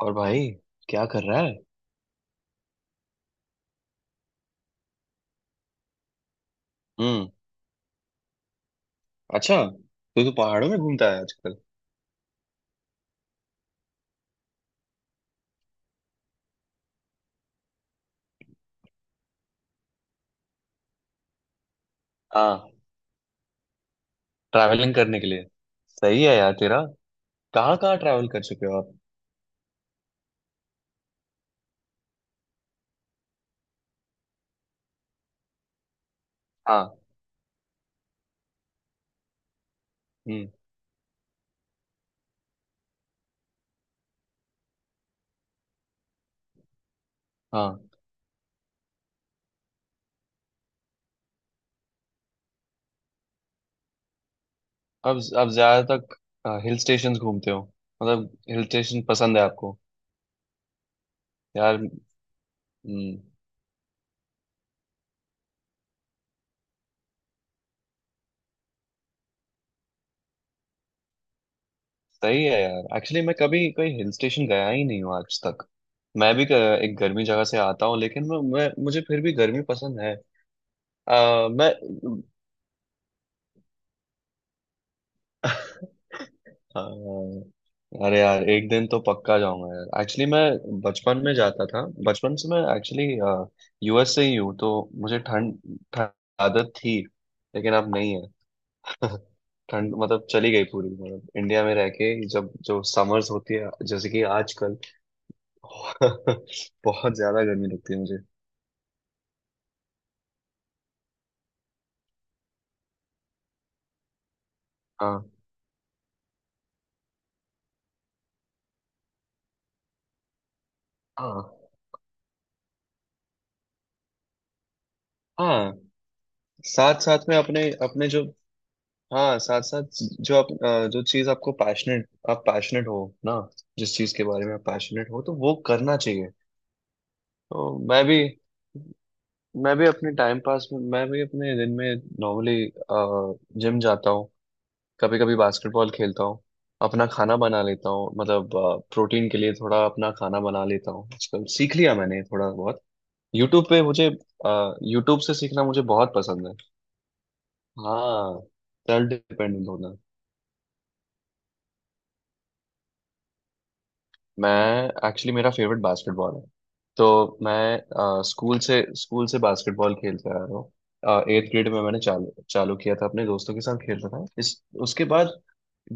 और भाई क्या कर रहा है। हम्म। अच्छा, तो तू पहाड़ों में घूमता है आजकल। हाँ, ट्रैवलिंग करने के लिए। सही है यार तेरा। कहाँ कहाँ ट्रैवल कर चुके हो आप? हाँ। हम्म। हाँ। अब ज्यादातर हिल स्टेशन घूमते हो, मतलब हिल स्टेशन पसंद है आपको यार? हम्म। सही है यार, एक्चुअली मैं कभी कोई हिल स्टेशन गया ही नहीं हूँ आज तक। मैं भी क- एक गर्मी जगह से आता हूँ, लेकिन मैं मुझे फिर भी गर्मी पसंद है। मैं हाँ, अरे यार एक दिन तो पक्का जाऊंगा यार। एक्चुअली मैं बचपन में जाता था। बचपन से मैं एक्चुअली यूएस से ही हूँ, तो मुझे ठंड ठंड आदत थी, लेकिन अब नहीं है। ठंड मतलब चली गई पूरी, मतलब इंडिया में रह के जब जो समर्स होती है जैसे कि आजकल बहुत ज्यादा गर्मी लगती है मुझे। हाँ। हाँ। हाँ, साथ साथ में अपने अपने जो, हाँ साथ साथ जो आप जो चीज आपको पैशनेट आप पैशनेट हो ना, जिस चीज के बारे में आप पैशनेट हो तो वो करना चाहिए। तो मैं भी मैं भी अपने टाइम पास में, मैं भी अपने दिन में नॉर्मली जिम जाता हूँ, कभी कभी बास्केटबॉल खेलता हूँ, अपना खाना बना लेता हूँ, मतलब प्रोटीन के लिए थोड़ा अपना खाना बना लेता हूँ। आजकल सीख लिया मैंने थोड़ा बहुत। यूट्यूब पे मुझे यूट्यूब से सीखना मुझे बहुत पसंद है। हाँ। सेल्फ डिपेंडेंट होना। मैं एक्चुअली, मेरा फेवरेट बास्केटबॉल है। तो मैं स्कूल से बास्केटबॉल खेलते आ रहा हूँ। एट्थ ग्रेड में मैंने चालू चालू किया था, अपने दोस्तों के साथ खेलता था इस। उसके बाद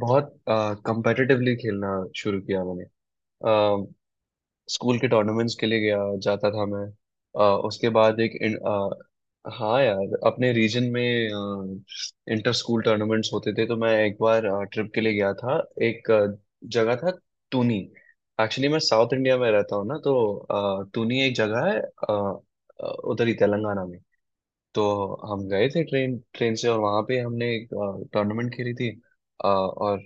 बहुत कंपेटिटिवली खेलना शुरू किया मैंने। स्कूल के टूर्नामेंट्स के लिए गया, जाता था मैं। अ, उसके बाद एक हाँ यार अपने रीजन में इंटर स्कूल टूर्नामेंट्स होते थे, तो मैं एक बार ट्रिप के लिए गया था। एक जगह था, टूनी। एक्चुअली मैं साउथ इंडिया में रहता हूँ ना, तो टूनी एक जगह है, उधर ही तेलंगाना में। तो हम गए थे ट्रेन ट्रेन से, और वहाँ पे हमने एक टूर्नामेंट खेली थी। और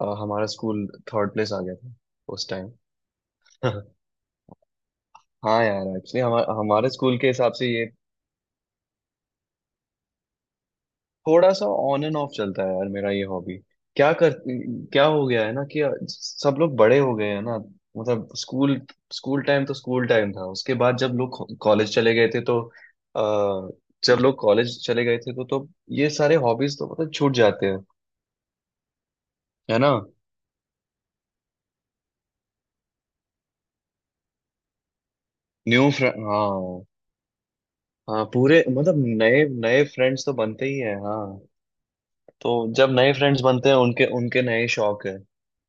हमारा स्कूल थर्ड प्लेस आ गया था उस टाइम। हाँ यार, एक्चुअली हमारे हमारे स्कूल के हिसाब से ये थोड़ा सा ऑन एंड ऑफ चलता है यार मेरा ये हॉबी। क्या कर क्या हो गया है ना कि सब लोग बड़े हो गए हैं ना, मतलब स्कूल, स्कूल टाइम तो स्कूल टाइम था। उसके बाद जब लोग कॉलेज चले गए थे तो अ, जब लोग कॉलेज चले गए थे तो ये सारे हॉबीज तो मतलब छूट जाते हैं, है ना। न्यू फ्रेंड, हाँ। हाँ पूरे, मतलब नए नए फ्रेंड्स तो बनते ही हैं, हाँ। तो जब नए फ्रेंड्स बनते हैं उनके उनके नए शौक है।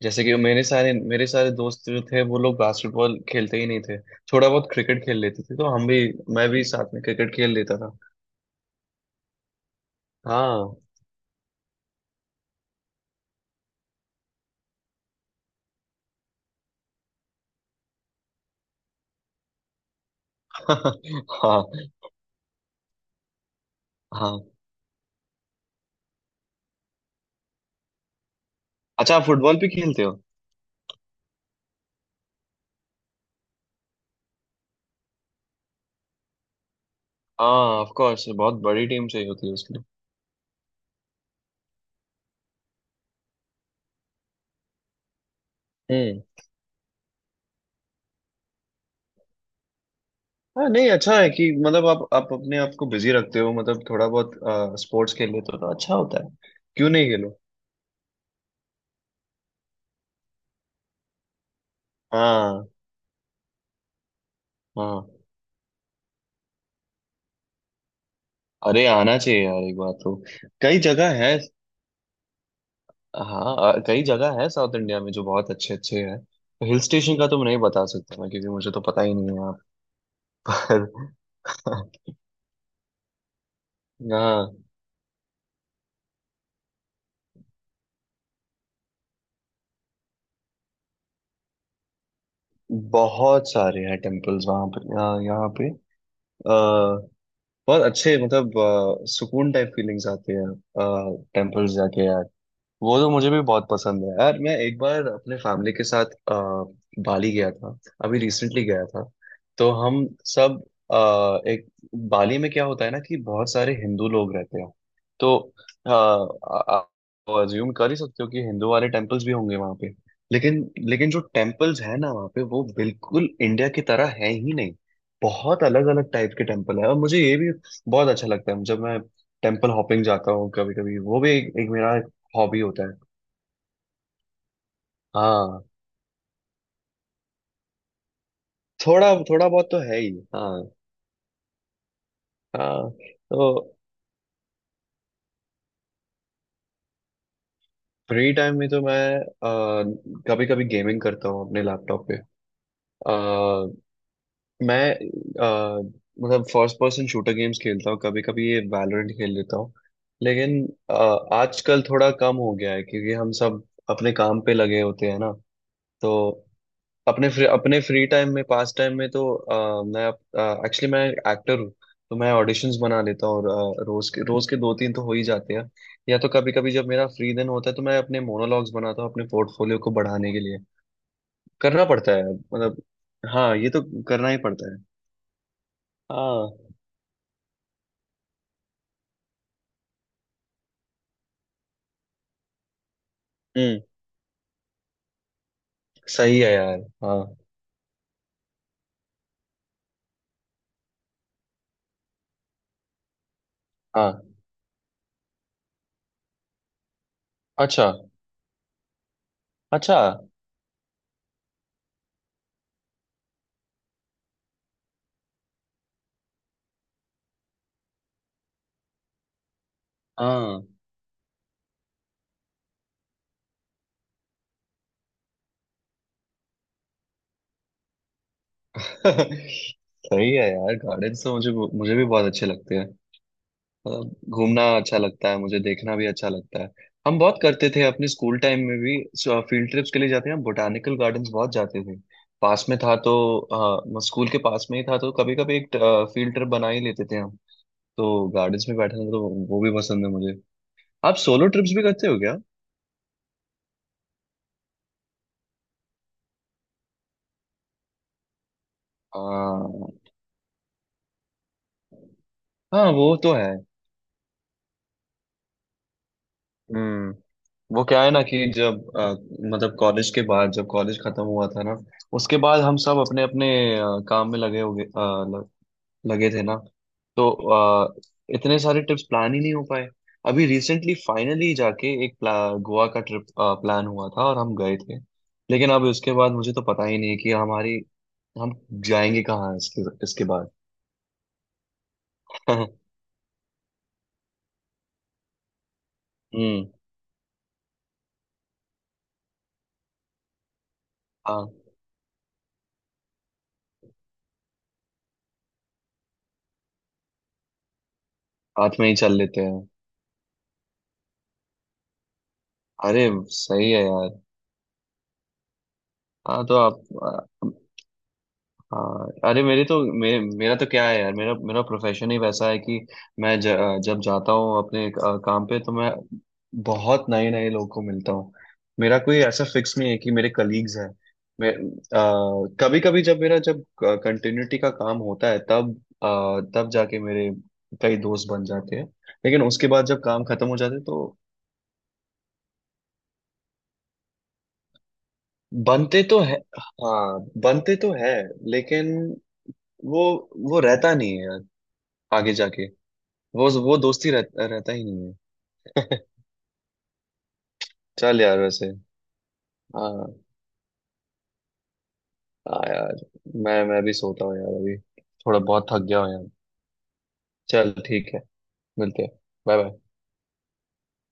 जैसे कि मेरे सारे दोस्त जो थे वो लोग बास्केटबॉल खेलते ही नहीं थे, थोड़ा बहुत क्रिकेट खेल लेते थे, तो हम भी, मैं भी साथ में क्रिकेट खेल लेता था। हाँ। हाँ। हाँ। अच्छा, आप फुटबॉल भी खेलते हो? हाँ, ऑफ कोर्स बहुत बड़ी टीम चाहिए होती है उसके लिए। हम्म। हाँ नहीं अच्छा है कि मतलब आप अपने आप को बिजी रखते हो, मतलब थोड़ा बहुत स्पोर्ट्स खेल लेते हो तो अच्छा होता है, क्यों नहीं खेलो। हाँ। हाँ, अरे आना चाहिए यार एक बार तो। कई जगह है, हाँ कई जगह है साउथ इंडिया में जो बहुत अच्छे अच्छे हैं। हिल स्टेशन का तो मैं नहीं बता सकता मैं, क्योंकि मुझे तो पता ही नहीं है यहाँ पर। यहाँ बहुत सारे हैं टेम्पल्स वहाँ पे, यहाँ यहाँ पे अ, बहुत अच्छे, मतलब सुकून टाइप फीलिंग्स आती है टेम्पल्स जाके यार। वो तो मुझे भी बहुत पसंद है यार। मैं एक बार अपने फैमिली के साथ बाली गया था, अभी रिसेंटली गया था। तो हम सब अ, एक बाली में क्या होता है ना कि बहुत सारे हिंदू लोग रहते हैं, तो आप अज्यूम कर ही सकते हो कि हिंदू वाले टेम्पल्स भी होंगे वहाँ पे। लेकिन, लेकिन जो टेम्पल्स है ना वहाँ पे वो बिल्कुल इंडिया की तरह है ही नहीं। बहुत अलग अलग टाइप के टेम्पल है, और मुझे ये भी बहुत अच्छा लगता है जब मैं टेम्पल हॉपिंग जाता हूँ कभी कभी, वो भी एक मेरा हॉबी होता है। हाँ। थोड़ा थोड़ा बहुत तो है ही, हाँ। हाँ। तो फ्री टाइम में तो मैं कभी कभी गेमिंग करता हूँ अपने लैपटॉप पे। अ, मैं अ, मतलब फर्स्ट पर्सन शूटर गेम्स खेलता हूँ, कभी कभी ये वैलोरेंट खेल लेता हूँ। लेकिन आजकल थोड़ा कम हो गया है क्योंकि हम सब अपने काम पे लगे होते हैं ना। तो अपने फ्री टाइम में, पास टाइम में तो मैं एक्टर हूँ, तो मैं ऑडिशंस बना लेता हूँ, और रोज के दो तीन तो हो ही जाते हैं, या तो कभी कभी जब मेरा फ्री दिन होता है तो मैं अपने मोनोलॉग्स बनाता हूँ अपने पोर्टफोलियो को बढ़ाने के लिए। करना पड़ता है मतलब। हाँ ये तो करना ही पड़ता है। हाँ। हम्म। सही है यार। हाँ। हाँ। अच्छा अच्छा। हाँ। सही है यार, गार्डन तो मुझे, मुझे भी बहुत अच्छे लगते हैं। अ, घूमना अच्छा लगता है मुझे, देखना भी अच्छा लगता है। हम बहुत करते थे अपने स्कूल टाइम में भी, फील्ड ट्रिप्स के लिए जाते हैं, हम बोटानिकल गार्डन्स बहुत जाते थे, पास में था तो स्कूल के पास में ही था तो कभी कभी एक फील्ड ट्रिप बना ही लेते थे हम। तो गार्डन्स में बैठना तो, वो भी पसंद है मुझे। आप सोलो ट्रिप्स भी करते हो क्या? हाँ। हाँ वो तो है। हम्म। वो क्या है ना कि मतलब कॉलेज के बाद जब कॉलेज खत्म हुआ था ना, उसके बाद हम सब अपने अपने अ, काम में लगे हो गए, लगे थे ना, तो इतने सारे ट्रिप्स प्लान ही नहीं हो पाए। अभी रिसेंटली फाइनली जाके एक गोवा का ट्रिप प्लान हुआ था और हम गए थे। लेकिन अब उसके बाद मुझे तो पता ही नहीं कि हमारी, हम जाएंगे कहाँ इसके इसके बाद। हम्म। हाँ, हाथ में ही चल लेते हैं। अरे, सही है यार। हाँ तो आप, हाँ, अरे मेरा तो क्या है यार, मेरा मेरा प्रोफेशन ही वैसा है कि मैं ज, जब जाता हूँ अपने काम पे तो मैं बहुत नए नए लोग को मिलता हूँ। मेरा कोई ऐसा फिक्स नहीं है कि मेरे कलीग्स हैं। मैं कभी कभी जब मेरा जब कंटिन्यूटी का काम होता है तब तब जाके मेरे कई दोस्त बन जाते हैं। लेकिन उसके बाद जब काम खत्म हो जाते हैं तो, बनते तो है, हाँ बनते तो है, लेकिन वो वो रहता नहीं है यार आगे जाके। वो रहता ही नहीं है। चल यार वैसे। हाँ। हाँ यार, मैं भी सोता हूँ यार अभी, थोड़ा बहुत थक गया हूँ यार। चल ठीक है, मिलते हैं। Bye bye.